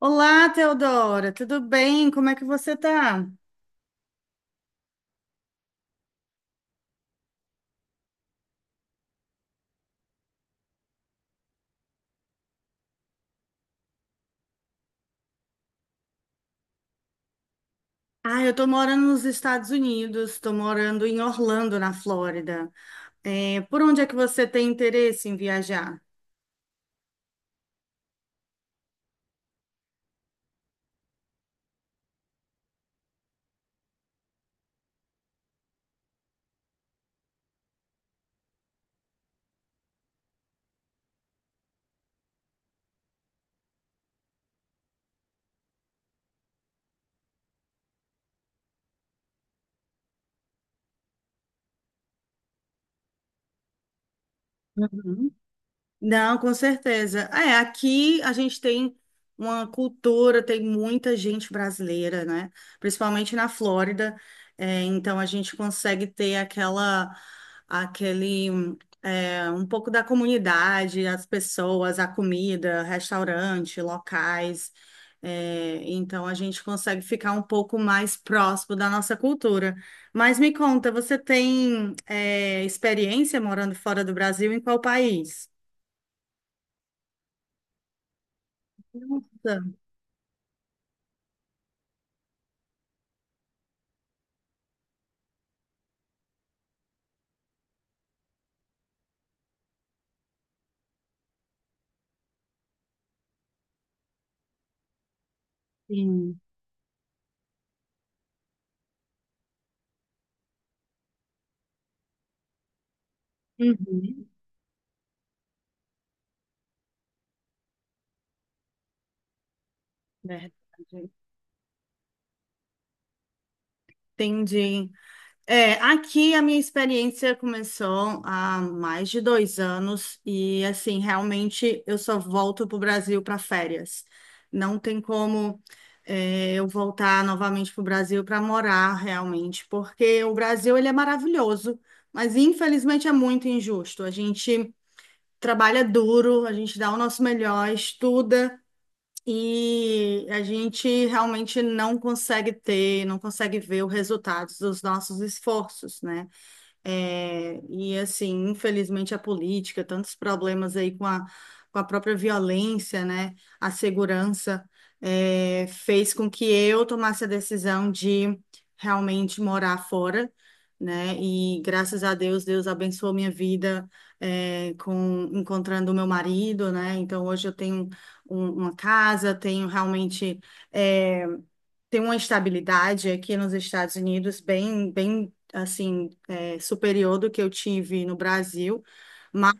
Olá, Teodora, tudo bem? Como é que você tá? Ah, eu tô morando nos Estados Unidos, tô morando em Orlando, na Flórida. É, por onde é que você tem interesse em viajar? Uhum. Não, com certeza. É, aqui a gente tem uma cultura, tem muita gente brasileira, né? Principalmente na Flórida. É, então a gente consegue ter um pouco da comunidade, as pessoas, a comida, restaurante, locais. É, então a gente consegue ficar um pouco mais próximo da nossa cultura. Mas me conta, você tem, experiência morando fora do Brasil em qual país? Nossa, sim. Uhum. Verdade. Entendi. É, aqui a minha experiência começou há mais de 2 anos e, assim, realmente eu só volto para o Brasil para férias. Não tem como, eu voltar novamente para o Brasil para morar realmente, porque o Brasil ele é maravilhoso, mas infelizmente é muito injusto. A gente trabalha duro, a gente dá o nosso melhor, estuda. E a gente realmente não consegue ter, não consegue ver os resultados dos nossos esforços, né? É, e assim, infelizmente a política, tantos problemas aí com a própria violência, né, a segurança, fez com que eu tomasse a decisão de realmente morar fora, né, e graças a Deus, Deus abençoou minha vida, com encontrando o meu marido, né, então hoje eu tenho uma casa, tenho realmente, é, tem uma estabilidade aqui nos Estados Unidos bem, bem assim, superior do que eu tive no Brasil. Mas,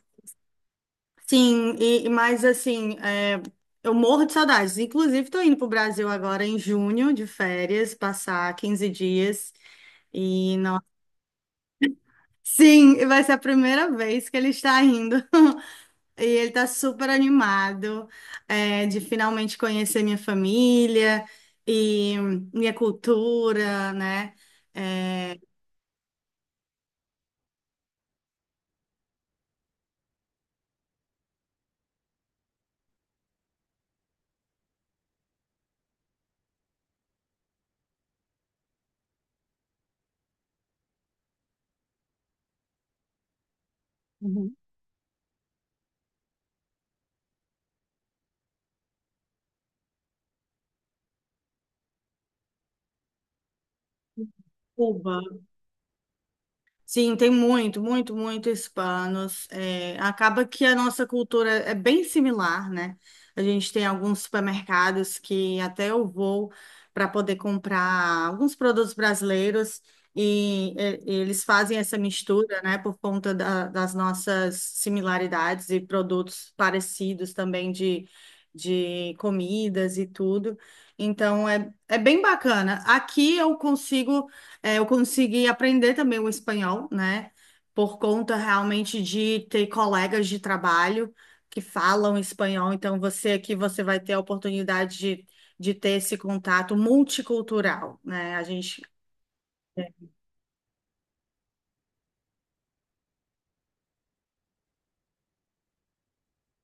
sim, mas assim, eu morro de saudades. Inclusive, estou indo para o Brasil agora em junho, de férias, passar 15 dias. E, não... Sim, vai ser a primeira vez que ele está indo. E ele tá super animado, de finalmente conhecer minha família e minha cultura, né? É, Cuba. Sim, tem muito, muito, muito hispanos. É, acaba que a nossa cultura é bem similar, né? A gente tem alguns supermercados que até eu vou para poder comprar alguns produtos brasileiros e, eles fazem essa mistura, né? Por conta da- das nossas similaridades e produtos parecidos também de comidas e tudo. Então, é bem bacana. Aqui eu consigo. É, eu consegui aprender também o espanhol, né? Por conta realmente de ter colegas de trabalho que falam espanhol. Então, você aqui, você vai ter a oportunidade de ter esse contato multicultural, né? A gente.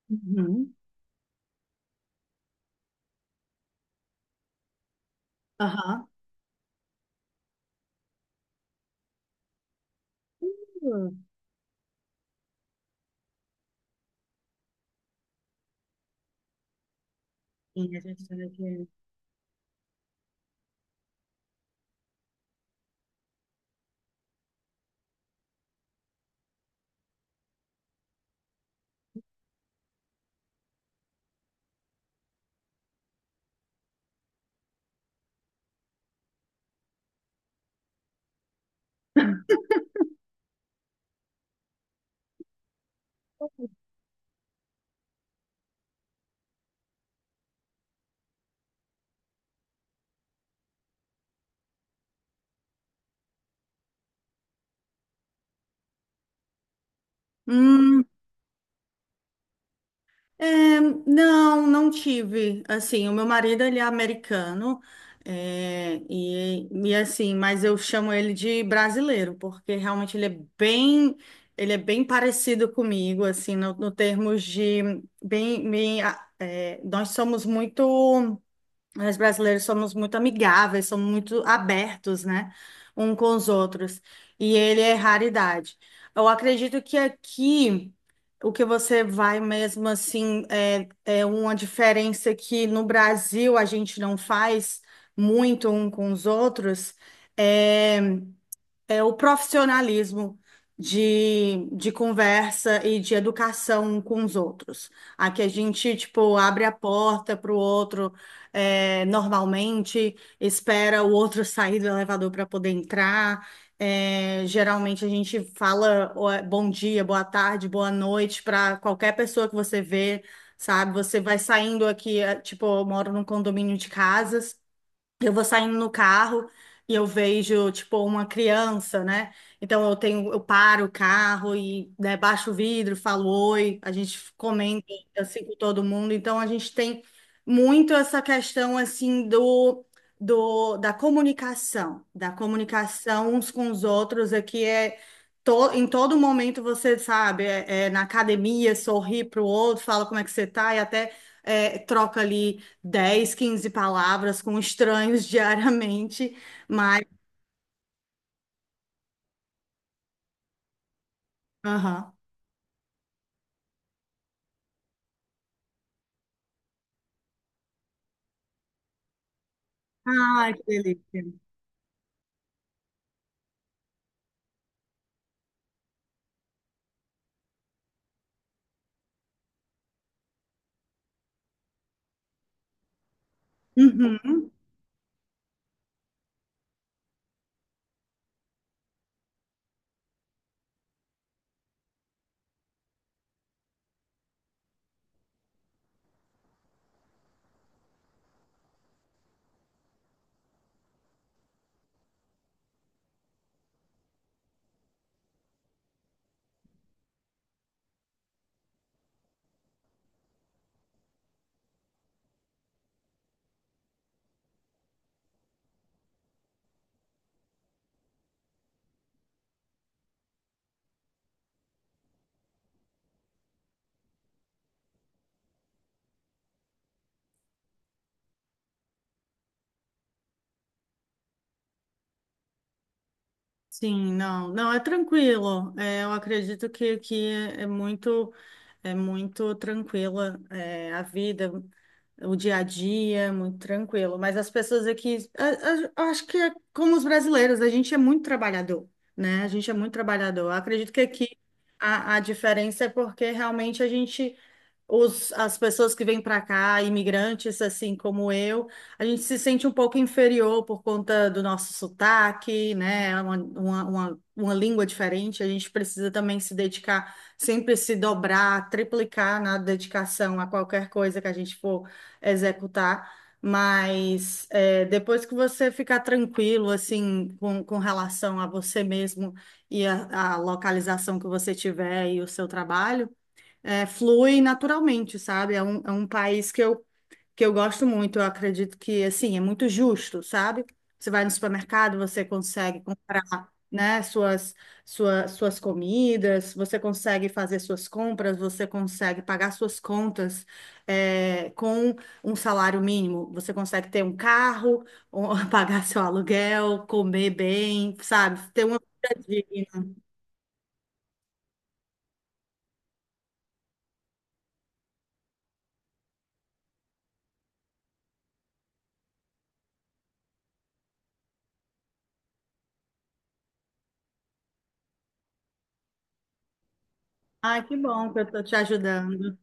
Uhum. Aham. Hum. Sim, a gente tem aqui. É, não, não tive. Assim, o meu marido, ele é americano, e assim, mas eu chamo ele de brasileiro, porque realmente ele é bem parecido comigo, assim, no termos de, bem, bem, nós brasileiros somos muito amigáveis, somos muito abertos, né? Um com os outros. E ele é raridade. Eu acredito que aqui o que você vai mesmo assim é uma diferença que no Brasil a gente não faz muito um com os outros. é o profissionalismo de conversa e de educação um com os outros. Aqui a gente, tipo, abre a porta para o outro, normalmente, espera o outro sair do elevador para poder entrar. É, geralmente a gente fala ó, bom dia, boa tarde, boa noite para qualquer pessoa que você vê, sabe? Você vai saindo aqui, tipo, eu moro num condomínio de casas. Eu vou saindo no carro e eu vejo, tipo, uma criança, né? Então eu paro o carro e, né, baixo o vidro, falo oi, a gente comenta assim com todo mundo. Então a gente tem muito essa questão assim da comunicação uns com os outros. Aqui é em todo momento, você sabe, é na academia, sorri para o outro, fala como é que você tá e até troca ali 10, 15 palavras com estranhos diariamente, mas. Aham. Ai, que delícia. Uhum. Sim, não, não, é tranquilo. É, eu acredito que aqui é, é muito, é muito tranquila, a vida, o dia a dia, é muito tranquilo. Mas as pessoas aqui, eu acho que é como os brasileiros, a gente é muito trabalhador, né? A gente é muito trabalhador. Eu acredito que aqui a diferença é porque realmente as pessoas que vêm para cá, imigrantes assim como eu, a gente se sente um pouco inferior por conta do nosso sotaque, né? É uma língua diferente, a gente precisa também se dedicar, sempre se dobrar, triplicar na dedicação a qualquer coisa que a gente for executar. Mas depois que você ficar tranquilo, assim, com relação a você mesmo e a localização que você tiver e o seu trabalho, flui naturalmente, sabe? É um país que eu, gosto muito. Eu acredito que, assim, é muito justo, sabe? Você vai no supermercado, você consegue comprar, né, suas comidas, você consegue fazer suas compras, você consegue pagar suas contas, com um salário mínimo. Você consegue ter um carro, ou pagar seu aluguel, comer bem, sabe? Ter uma vida digna. Ai, que bom que eu tô te ajudando.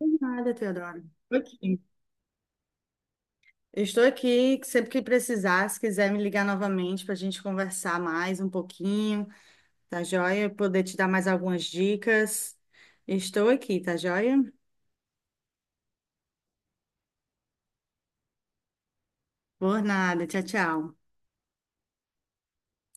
De nada, Teodoro. Ok. Eu estou aqui, que sempre que precisar, se quiser me ligar novamente para a gente conversar mais um pouquinho, tá joia? Poder te dar mais algumas dicas. Estou aqui, tá joia? Por nada, tchau, tchau.